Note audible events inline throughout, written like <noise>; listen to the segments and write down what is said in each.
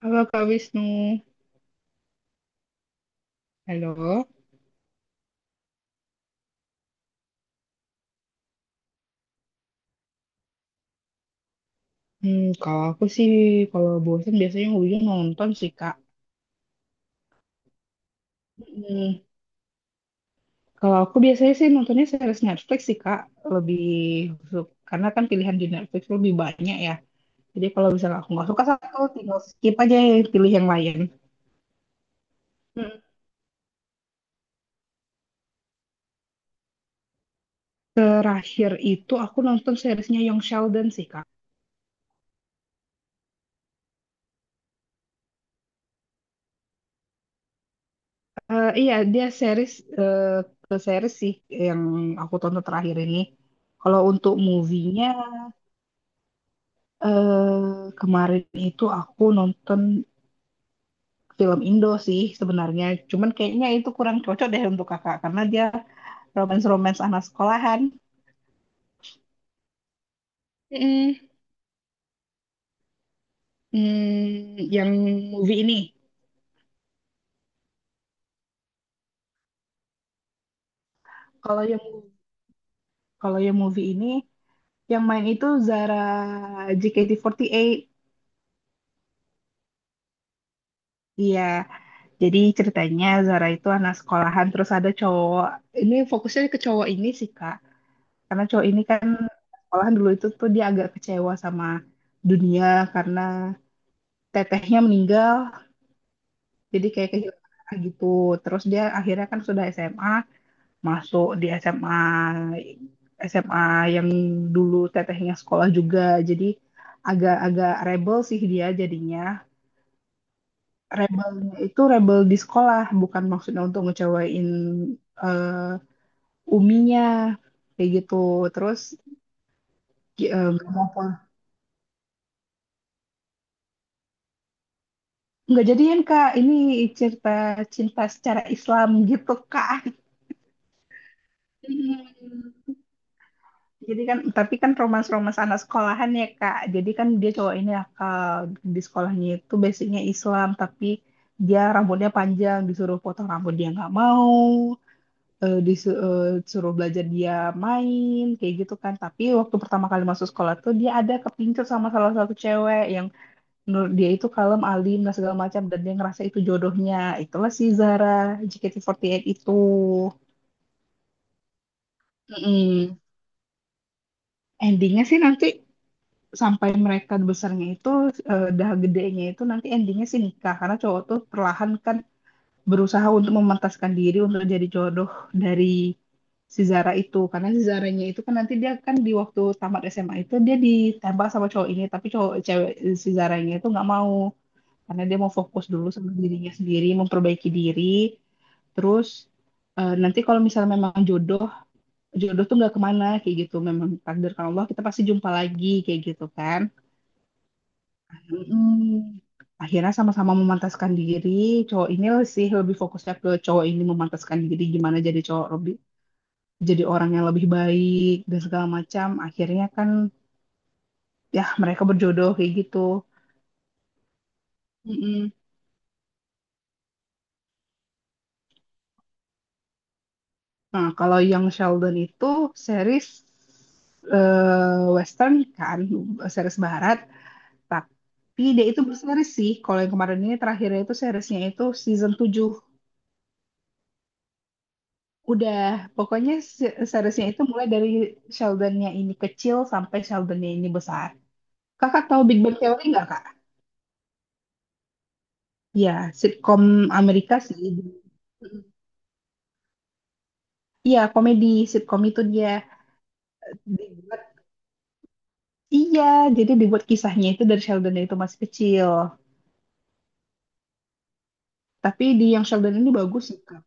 Halo Kak Wisnu. Halo. Kalau aku sih, kalau bosan biasanya ujung nonton sih, Kak. Hmm, Kalau aku biasanya sih nontonnya series Netflix sih, Kak. Lebih karena kan pilihan di Netflix lebih banyak ya. Jadi kalau misalnya aku nggak suka satu, tinggal skip aja ya, pilih yang lain. Hmm, Terakhir itu aku nonton seriesnya Young Sheldon sih, Kak. Iya, dia eh, ke series sih yang aku tonton terakhir ini. Kalau untuk movie-nya, kemarin itu aku nonton film Indo sih sebenarnya. Cuman kayaknya itu kurang cocok deh untuk kakak karena dia romance-romance anak sekolahan. Mm-mm. Yang movie ini. Kalau yang kalau yang movie ini yang main itu Zara JKT48. Iya. Jadi ceritanya Zara itu anak sekolahan terus ada cowok. Ini fokusnya ke cowok ini sih, Kak. Karena cowok ini kan malahan dulu itu tuh dia agak kecewa sama dunia karena tetehnya meninggal, jadi kayak kehilangan gitu. Terus dia akhirnya kan sudah SMA, masuk di SMA SMA yang dulu tetehnya sekolah juga, jadi agak-agak rebel sih dia jadinya. Rebelnya itu rebel di sekolah, bukan maksudnya untuk ngecewain eh, uminya kayak gitu. Terus nggak mau. Nggak jadian, Kak. Ini cerita cinta secara Islam gitu, Kak. Hmm. Jadi kan, tapi kan romans-romans anak sekolahan ya, Kak. Jadi kan dia cowok ini akal. Di sekolahnya itu basicnya Islam, tapi dia rambutnya panjang, disuruh potong rambut dia nggak mau. Disuruh belajar dia main, kayak gitu kan. Tapi waktu pertama kali masuk sekolah tuh dia ada kepincut sama salah satu cewek yang menurut dia itu kalem, alim, dan segala macam. Dan dia ngerasa itu jodohnya. Itulah si Zara JKT48 itu. Mm-mm. Endingnya sih nanti sampai mereka besarnya itu, dah gedenya itu nanti endingnya sih nikah. Karena cowok tuh perlahan kan berusaha untuk memantaskan diri untuk jadi jodoh dari si Zara itu. Karena si Zaranya itu kan nanti dia kan di waktu tamat SMA itu dia ditembak sama cowok ini. Tapi cowok cewek si Zaranya itu nggak mau. Karena dia mau fokus dulu sama dirinya sendiri, memperbaiki diri. Terus nanti kalau misalnya memang jodoh, jodoh tuh nggak kemana kayak gitu. Memang takdirkan Allah kita pasti jumpa lagi kayak gitu kan. Mm. Akhirnya sama-sama memantaskan diri. Cowok ini sih lebih fokusnya ke cowok ini memantaskan diri gimana jadi cowok lebih, jadi orang yang lebih baik dan segala macam. Akhirnya kan ya mereka berjodoh kayak gitu. Mm-mm. Nah, kalau yang Sheldon itu series, Western kan, series Barat, tapi dia itu berseries sih. Kalau yang kemarin ini terakhirnya itu seriesnya itu season 7. Udah, pokoknya seriesnya itu mulai dari Sheldonnya ini kecil sampai Sheldonnya ini besar. Kakak tahu Big Bang Theory nggak, Kak? Ya, sitkom Amerika sih. Iya, komedi sitkom itu dia dibuat. Iya, jadi dibuat kisahnya itu dari Sheldon itu masih kecil. Tapi di yang Sheldon ini bagus sih, Kak.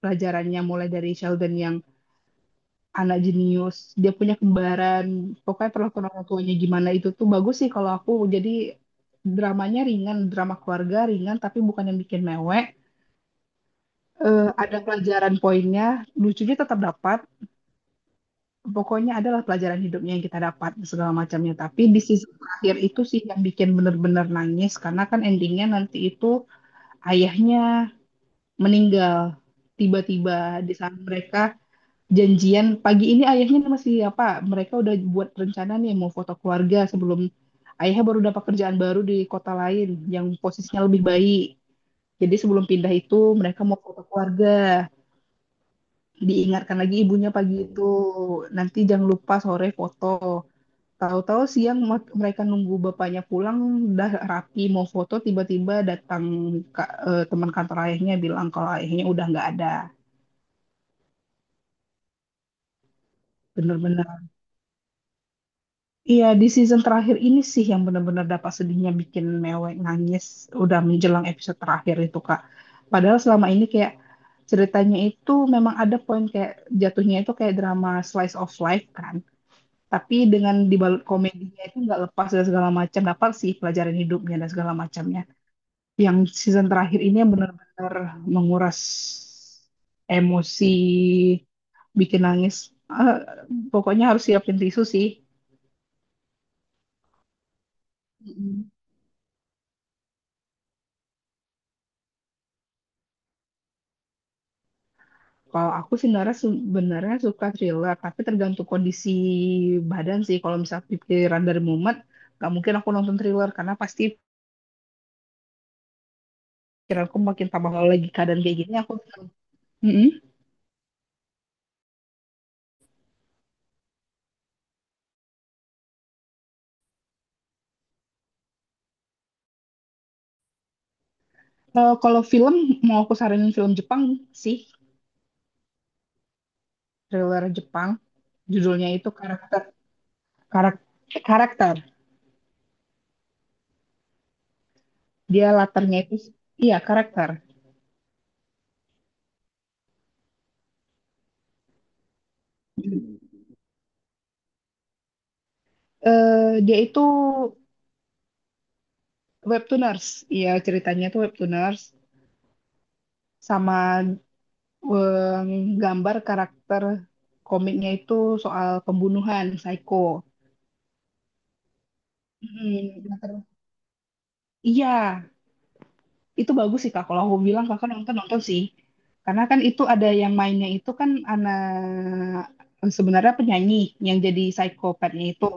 Pelajarannya mulai dari Sheldon yang anak jenius, dia punya kembaran, pokoknya perlakuan orang tuanya gimana itu tuh bagus sih kalau aku. Jadi dramanya ringan, drama keluarga ringan, tapi bukan yang bikin mewek. Ada pelajaran poinnya, lucunya tetap dapat. Pokoknya adalah pelajaran hidupnya yang kita dapat segala macamnya. Tapi di sisi terakhir itu sih yang bikin bener-bener nangis karena kan endingnya nanti itu ayahnya meninggal tiba-tiba di saat mereka janjian pagi ini ayahnya masih apa? Mereka udah buat rencana nih mau foto keluarga sebelum ayahnya baru dapat kerjaan baru di kota lain yang posisinya lebih baik. Jadi sebelum pindah itu mereka mau foto keluarga. Diingatkan lagi ibunya pagi itu. Nanti jangan lupa sore foto. Tahu-tahu siang mereka nunggu bapaknya pulang, udah rapi mau foto, tiba-tiba datang teman kantor ayahnya bilang kalau ayahnya udah nggak ada. Bener-bener Iya, di season terakhir ini sih yang benar-benar dapat sedihnya bikin mewek nangis, udah menjelang episode terakhir itu, Kak. Padahal selama ini kayak ceritanya itu memang ada poin kayak jatuhnya itu kayak drama slice of life kan. Tapi dengan dibalut komedinya itu nggak lepas dan segala macam dapat sih pelajaran hidupnya dan segala macamnya. Yang season terakhir ini yang benar-benar menguras emosi, bikin nangis. Eh, Pokoknya harus siapin tisu sih. Kalau aku sih sebenarnya sebenarnya suka thriller, tapi tergantung kondisi badan sih. Kalau misal pikiran dari mumet, nggak mungkin aku nonton thriller karena pasti pikiranku makin tambah kalau lagi keadaan kayak gini. Aku. Mm-mm. Kalau film mau aku saranin film Jepang sih, thriller Jepang. Judulnya itu karak, karakter. Dia latarnya itu, iya, karakter. Eh, Dia itu webtooners. Iya, ceritanya itu webtooners sama gambar karakter komiknya itu soal pembunuhan, psycho. Nah, iya, itu bagus sih, Kak. Kalau aku bilang, Kakak nonton nonton sih. Karena kan itu ada yang mainnya itu kan anak sebenarnya penyanyi yang jadi psikopatnya itu.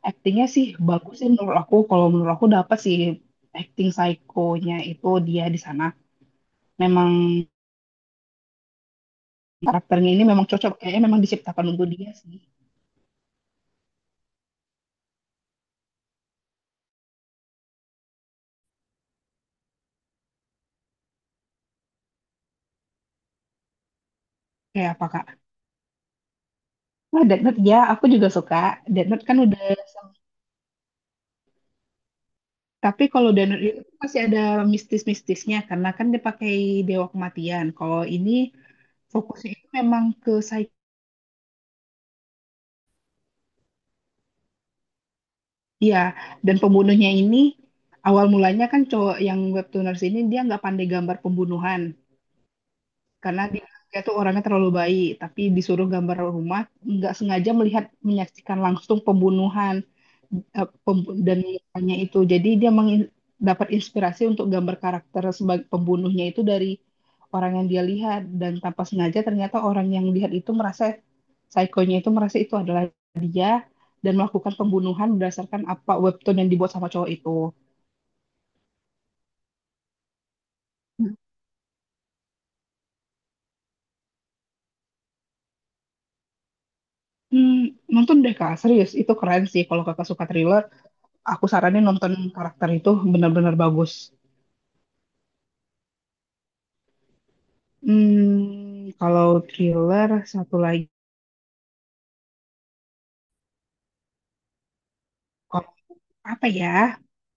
Aktingnya sih bagus sih menurut aku. Kalau menurut aku dapat sih acting psikonya itu dia di sana. Memang karakternya ini memang cocok kayaknya memang diciptakan untuk dia sih. Kayak apa, Kak? Oh, Death Note ya, aku juga suka. Death Note kan udah, tapi kalau Death Note itu masih ada mistis-mistisnya karena kan dia pakai dewa kematian. Kalau ini fokusnya itu memang ke psikia dan pembunuhnya ini awal mulanya kan cowok yang webtooners ini dia nggak pandai gambar pembunuhan. Karena dia tuh orangnya terlalu baik, tapi disuruh gambar rumah, nggak sengaja melihat menyaksikan langsung pembunuhan dan mukanya itu. Jadi dia dapat inspirasi untuk gambar karakter sebagai pembunuhnya itu dari orang yang dia lihat dan tanpa sengaja ternyata orang yang lihat itu merasa psikonya itu merasa itu adalah dia dan melakukan pembunuhan berdasarkan apa webtoon yang dibuat sama cowok itu. Hmm, Nonton deh, Kak, serius itu keren sih. Kalau Kakak suka thriller, aku saranin nonton karakter, itu benar-benar bagus. Kalau thriller satu lagi, kalau- apa ya?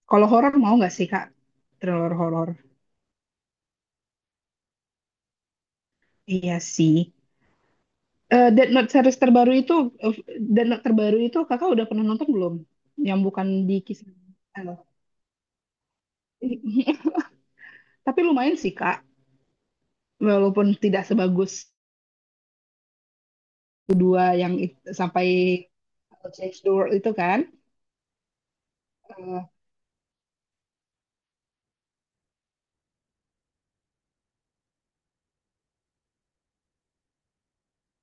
Kalau horor mau nggak sih, Kak? Thriller horor. Iya sih. Death Note series terbaru itu, eh, Death Note terbaru itu Kakak udah pernah nonton belum? Yang bukan di kisah. Halo. <laughs> Tapi lumayan sih, Kak, walaupun tidak sebagus kedua yang sampai Change the World itu kan. Eh,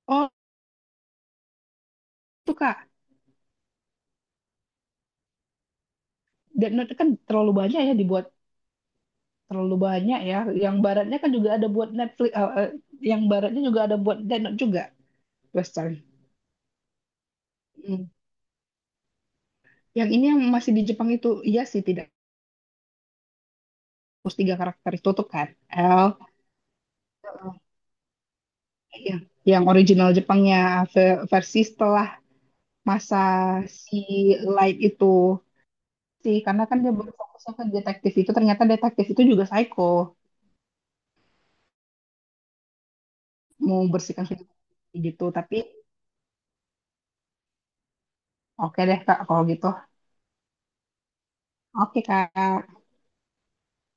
oh, itu Kak, Death Note kan terlalu banyak ya dibuat, terlalu banyak ya. Yang baratnya kan juga ada buat Netflix, yang baratnya juga ada buat Death Note juga, Western. Hmm. Yang ini yang masih di Jepang itu, iya sih tidak hapus 3 karakter itu tutup kan. L, yang, yang original Jepangnya versi setelah masa si Light itu sih, karena kan dia berfokusnya ke detektif itu, ternyata detektif itu juga psycho, mau bersihkan gitu, tapi oke deh, Kak, kalau gitu, oke, Kak.